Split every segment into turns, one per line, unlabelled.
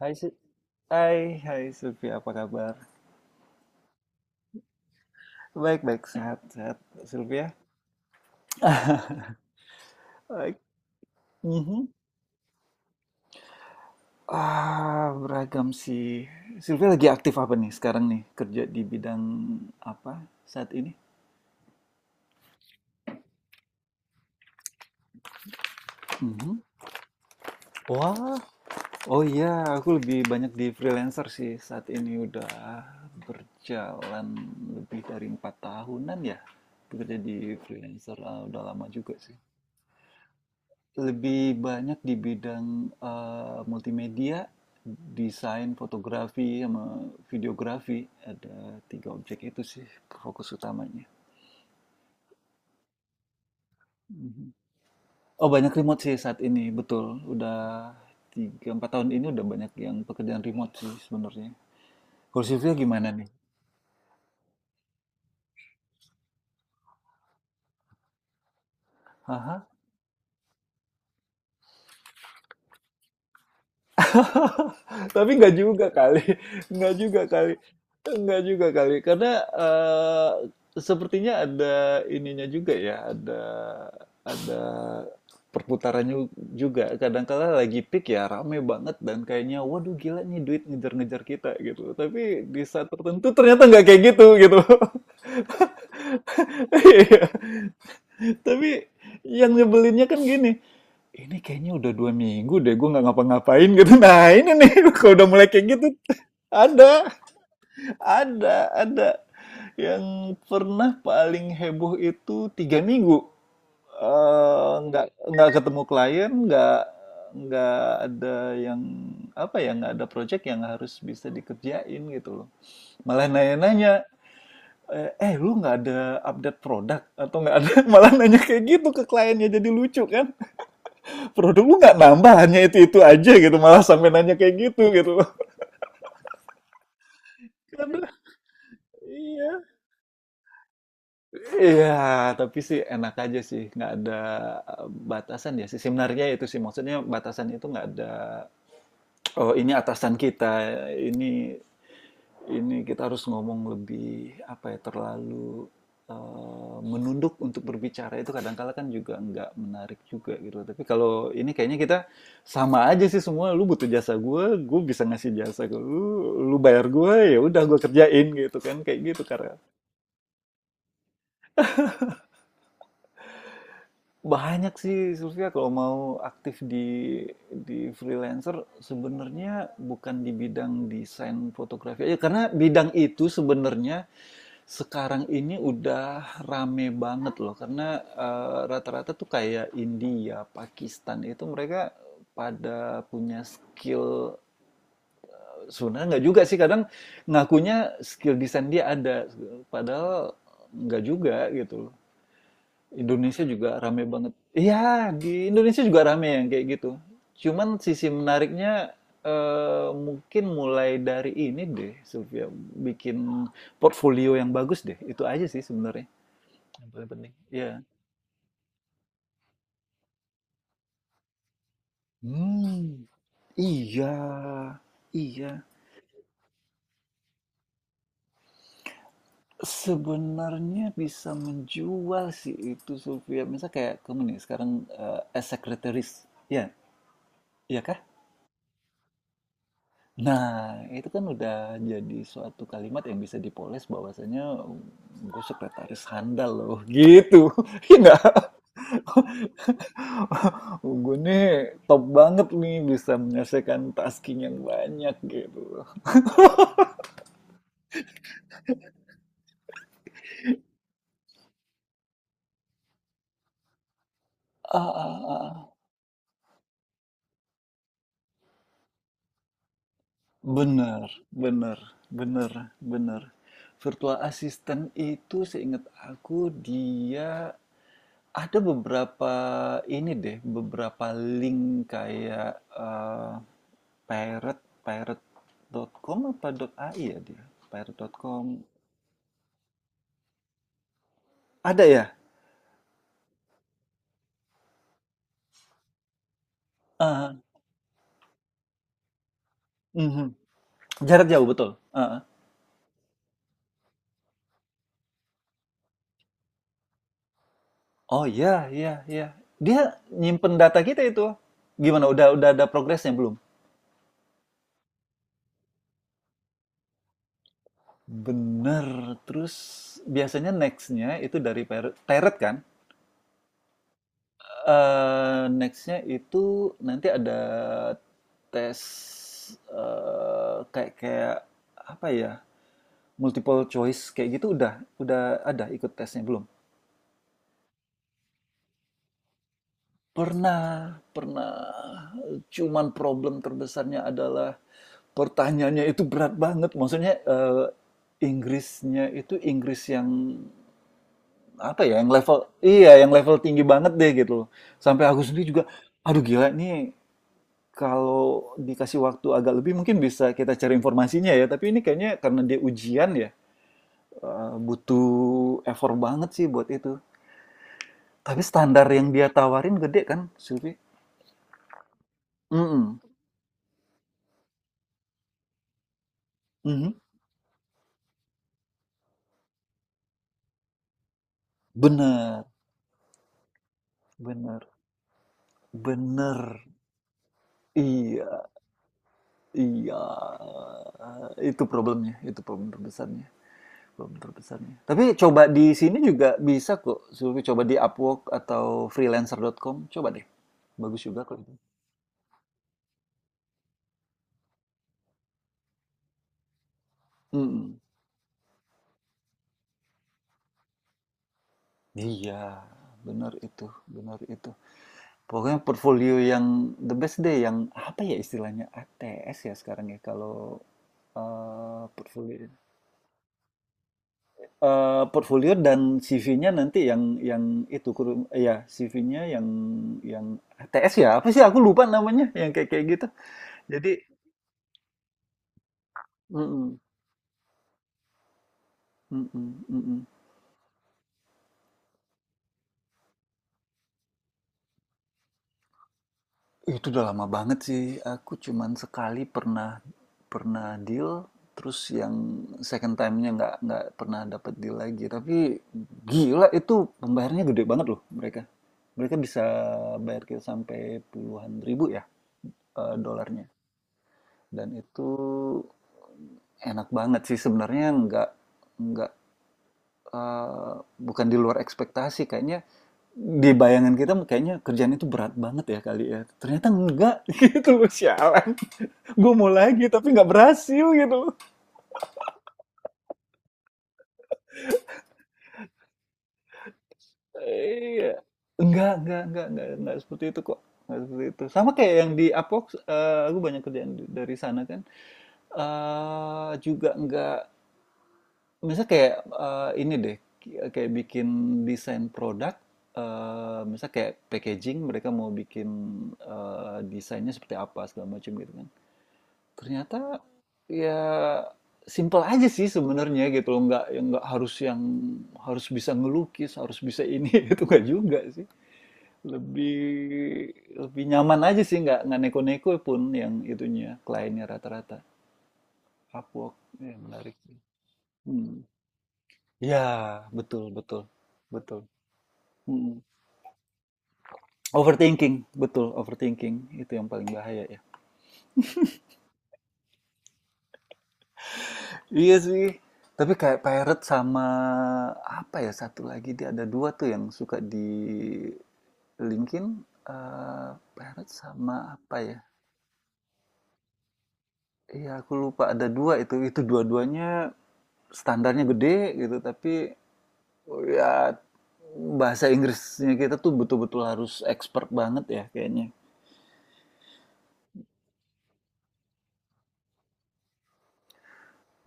Hai, Si- hai, Sylvia, apa kabar? Baik-baik, sehat-sehat, Sylvia. Baik. Mhm. Ah, beragam sih. Sylvia lagi aktif apa nih sekarang nih? Kerja di bidang apa saat ini? Mhm. Wah, oh iya, aku lebih banyak di freelancer sih saat ini udah berjalan lebih dari empat tahunan ya. Bekerja di freelancer, udah lama juga sih. Lebih banyak di bidang, multimedia, desain, fotografi, sama videografi. Ada 3 objek itu sih fokus utamanya. Mhm. Oh, banyak remote sih saat ini, betul. Udah 3 4 tahun ini udah banyak yang pekerjaan remote sih sebenarnya. Kalau Sylvia gimana nih? Tapi nggak juga kali, nggak juga kali, nggak juga kali, karena sepertinya ada ininya juga ya, ada perputarannya juga. Kadangkala lagi peak ya rame banget dan kayaknya waduh gila nih duit ngejar-ngejar kita gitu. Tapi di saat tertentu ternyata nggak kayak gitu gitu. Iya. Tapi yang nyebelinnya kan gini, ini kayaknya udah 2 minggu deh gue nggak ngapa-ngapain gitu. Nah, ini nih kalau udah mulai kayak gitu ada, ada, ada. Yang pernah paling heboh itu 3 minggu. Nggak ketemu klien, nggak ada yang apa ya, nggak ada project yang harus bisa dikerjain gitu loh. Malah nanya-nanya, lu nggak ada update produk atau nggak ada malah nanya kayak gitu ke kliennya jadi lucu kan. Produk lu nggak nambah hanya itu aja gitu malah sampai nanya kayak gitu gitu. Aduh, iya iya, tapi sih enak aja sih nggak ada eh, batasan ya sih sebenarnya itu sih, maksudnya batasan itu nggak ada. Oh, ini atasan kita ini. Ini kita harus ngomong lebih apa ya terlalu menunduk untuk berbicara itu, kadangkala kan juga nggak menarik juga gitu. Tapi kalau ini kayaknya kita sama aja sih semua. Lu butuh jasa gue bisa ngasih jasa ke lu. Lu bayar gue ya udah gue kerjain gitu kan kayak gitu, karena banyak sih Sylvia kalau mau aktif di freelancer, sebenarnya bukan di bidang desain fotografi aja karena bidang itu sebenarnya sekarang ini udah rame banget loh, karena rata-rata tuh kayak India, Pakistan itu mereka pada punya skill, sebenarnya nggak juga sih kadang, ngakunya skill desain dia ada, padahal nggak juga gitu loh. Indonesia juga rame banget. Iya, di Indonesia juga rame yang kayak gitu. Cuman sisi menariknya mungkin mulai dari ini deh, Sylvia, bikin portfolio yang bagus deh. Itu aja sih sebenarnya. Yang paling penting. Iya. Hmm, iya, iya. Sebenarnya bisa menjual sih itu Sylvia. Misal kayak kamu nih sekarang as secretaries, ya, iya kah? Nah, itu kan udah jadi suatu kalimat yang bisa dipoles bahwasanya gue sekretaris handal loh, gitu. Iya nggak? Gue nih top banget nih bisa menyelesaikan tasking yang banyak gitu. Ah, ah, ah, ah. Bener, bener, bener, bener. Virtual assistant itu seingat aku, dia ada beberapa ini deh, beberapa link kayak eh, pirate, pirate.com apa dot .ai ya dia? Pirate.com. Ada ya? Ah, mhm. Jarak jauh betul. Ah, ah. Oh iya, iya, iya. Dia nyimpen data kita itu. Gimana? Udah ada progresnya belum? Bener. Terus biasanya next-nya itu dari teret kan? Next-nya itu nanti ada tes eh kayak kayak apa ya? Multiple choice kayak gitu udah ada ikut tesnya belum? Pernah, pernah. Cuman problem terbesarnya adalah pertanyaannya itu berat banget. Maksudnya Inggrisnya itu Inggris yang apa ya yang level, iya, yang level tinggi banget deh gitu loh. Sampai aku sendiri juga aduh gila nih, kalau dikasih waktu agak lebih mungkin bisa kita cari informasinya ya, tapi ini kayaknya karena dia ujian ya, butuh effort banget sih buat itu, tapi standar yang dia tawarin gede kan, Sylvie. Mm-mm. Mhm. Bener, bener, bener, iya, iya, itu problemnya, itu problem terbesarnya. Belum terbesarnya. Tapi coba di sini juga bisa kok. Zulfi coba di Upwork atau freelancer.com. Coba deh. Bagus juga kok itu. Mm-mm. Iya, benar itu, benar itu. Pokoknya portfolio yang the best deh, yang apa ya istilahnya ATS ya sekarang ya kalau portfolio. Portfolio dan CV-nya nanti yang itu kurung ya CV-nya yang ATS ya apa sih aku lupa namanya yang kayak kayak gitu. Jadi, mm-mm. Mhm, mhm. Itu udah lama banget sih, aku cuman sekali pernah pernah deal, terus yang second time-nya nggak pernah dapet deal lagi. Tapi gila itu pembayarannya gede banget loh mereka. Mereka bisa bayar kita sampai puluhan ribu ya, dolarnya. Dan itu enak banget sih sebenarnya, nggak eh, bukan di luar ekspektasi, kayaknya di bayangan kita kayaknya kerjaan itu berat banget ya kali ya, ternyata enggak gitu loh sialan, gue mau lagi tapi nggak berhasil gitu loh. Iya enggak seperti itu kok, enggak seperti itu, sama kayak yang di Apox, aku banyak kerjaan dari sana kan, juga enggak. Misalnya kayak ini deh, kayak bikin desain produk, misalnya kayak packaging, mereka mau bikin desainnya seperti apa segala macam gitu kan. Ternyata ya simple aja sih sebenarnya gitu loh, nggak yang nggak harus yang harus bisa ngelukis, harus bisa ini itu nggak juga sih. Lebih lebih nyaman aja sih, nggak neko-neko pun yang itunya kliennya rata-rata. Upwork, ya menarik sih. Hmm. Ya, betul, betul, betul. Mm. Overthinking, betul, overthinking itu yang paling bahaya ya. Iya sih. Tapi kayak Pirate sama apa ya satu lagi, dia ada dua tuh yang suka di linkin, eh Pirate sama apa ya? Iya aku lupa ada dua itu dua-duanya standarnya gede gitu, tapi oh ya, bahasa Inggrisnya kita tuh betul-betul harus expert banget ya kayaknya.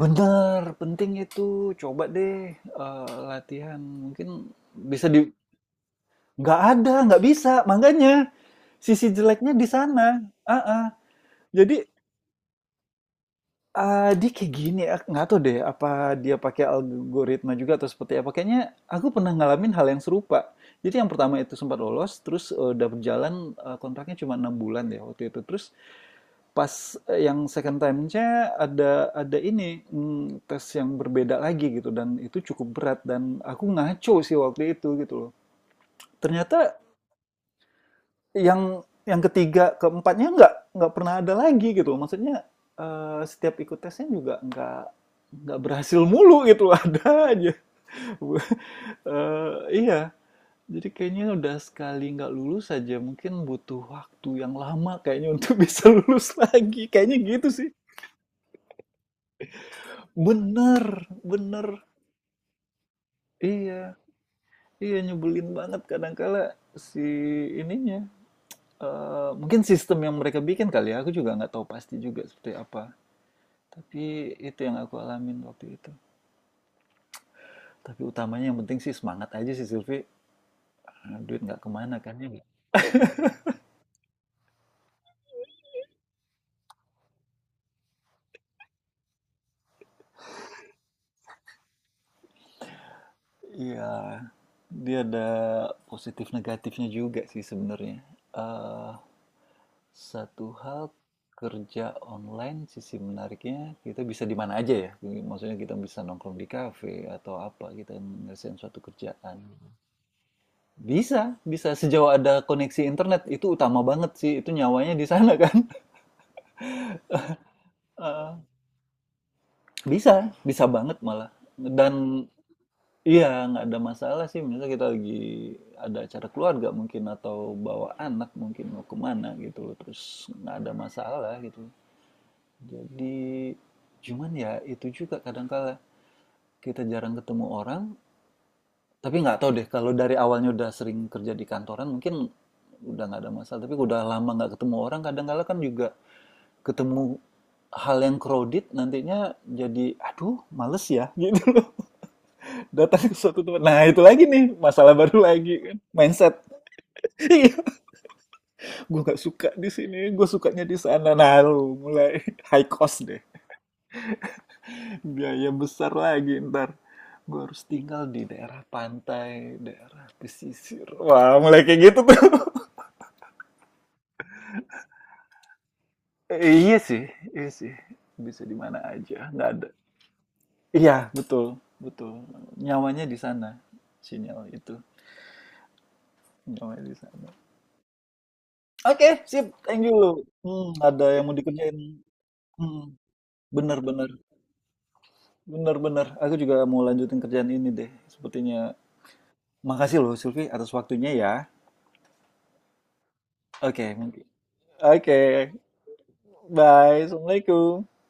Bener, penting itu. Coba deh, latihan. Mungkin bisa di, nggak ada, nggak bisa. Makanya, sisi jeleknya di sana. Ah, ah. Jadi, dia kayak gini, ak nggak tahu deh apa dia pakai algoritma juga atau seperti apa. Kayaknya aku pernah ngalamin hal yang serupa. Jadi yang pertama itu sempat lolos, terus, dapet jalan, kontraknya cuma 6 bulan deh waktu itu. Terus pas yang second time-nya ada ini tes yang berbeda lagi gitu, dan itu cukup berat dan aku ngaco sih waktu itu gitu loh. Ternyata yang ketiga keempatnya nggak pernah ada lagi gitu loh. Maksudnya setiap ikut tesnya juga nggak berhasil mulu gitu loh. Ada aja. Eh, iya. Jadi kayaknya udah sekali nggak lulus aja mungkin butuh waktu yang lama kayaknya untuk bisa lulus lagi. Kayaknya gitu sih. Bener, bener. Iya, iya nyebelin banget kadangkala si ininya. Mungkin sistem yang mereka bikin kali ya, aku juga nggak tahu pasti juga seperti apa. Tapi itu yang aku alamin waktu itu. Tapi utamanya yang penting sih semangat aja sih Silvi. Duit nggak kemana kan ya nggak? Iya, dia ada positif negatifnya juga sih sebenarnya. Eh Satu hal kerja online, sisi menariknya kita bisa di mana aja ya. Maksudnya kita bisa nongkrong di kafe atau apa, kita ngerasain suatu kerjaan. Bisa, bisa sejauh ada koneksi internet itu utama banget sih. Itu nyawanya di sana kan. Eh, Bisa, bisa banget malah. Dan iya nggak ada masalah sih. Misalnya kita lagi ada acara keluarga mungkin, atau bawa anak mungkin mau kemana gitu. Terus nggak ada masalah gitu. Jadi, cuman ya itu juga kadangkala kita jarang ketemu orang, tapi nggak tahu deh kalau dari awalnya udah sering kerja di kantoran mungkin udah nggak ada masalah. Tapi udah lama nggak ketemu orang, kadangkala kan juga ketemu hal yang crowded nantinya, jadi aduh males ya gitu loh datang ke suatu tempat, nah itu lagi nih masalah baru lagi kan, mindset. Iya, gue nggak suka di sini, gue sukanya di sana, nah lu mulai high cost deh, biaya besar lagi ntar gue harus tinggal di daerah pantai, daerah pesisir, wah mulai kayak gitu tuh. Iya sih, iya sih, bisa di mana aja, nggak ada, iya, betul, betul, nyawanya di sana, sinyal itu nyawanya di sana. Oke, sip, thank you. Ada yang mau dikerjain. Hmm, bener, bener, bener, bener, aku juga mau lanjutin kerjaan ini deh sepertinya. Makasih loh, Silvi, atas waktunya ya. Oke, mungkin. Oke. Bye. Assalamualaikum.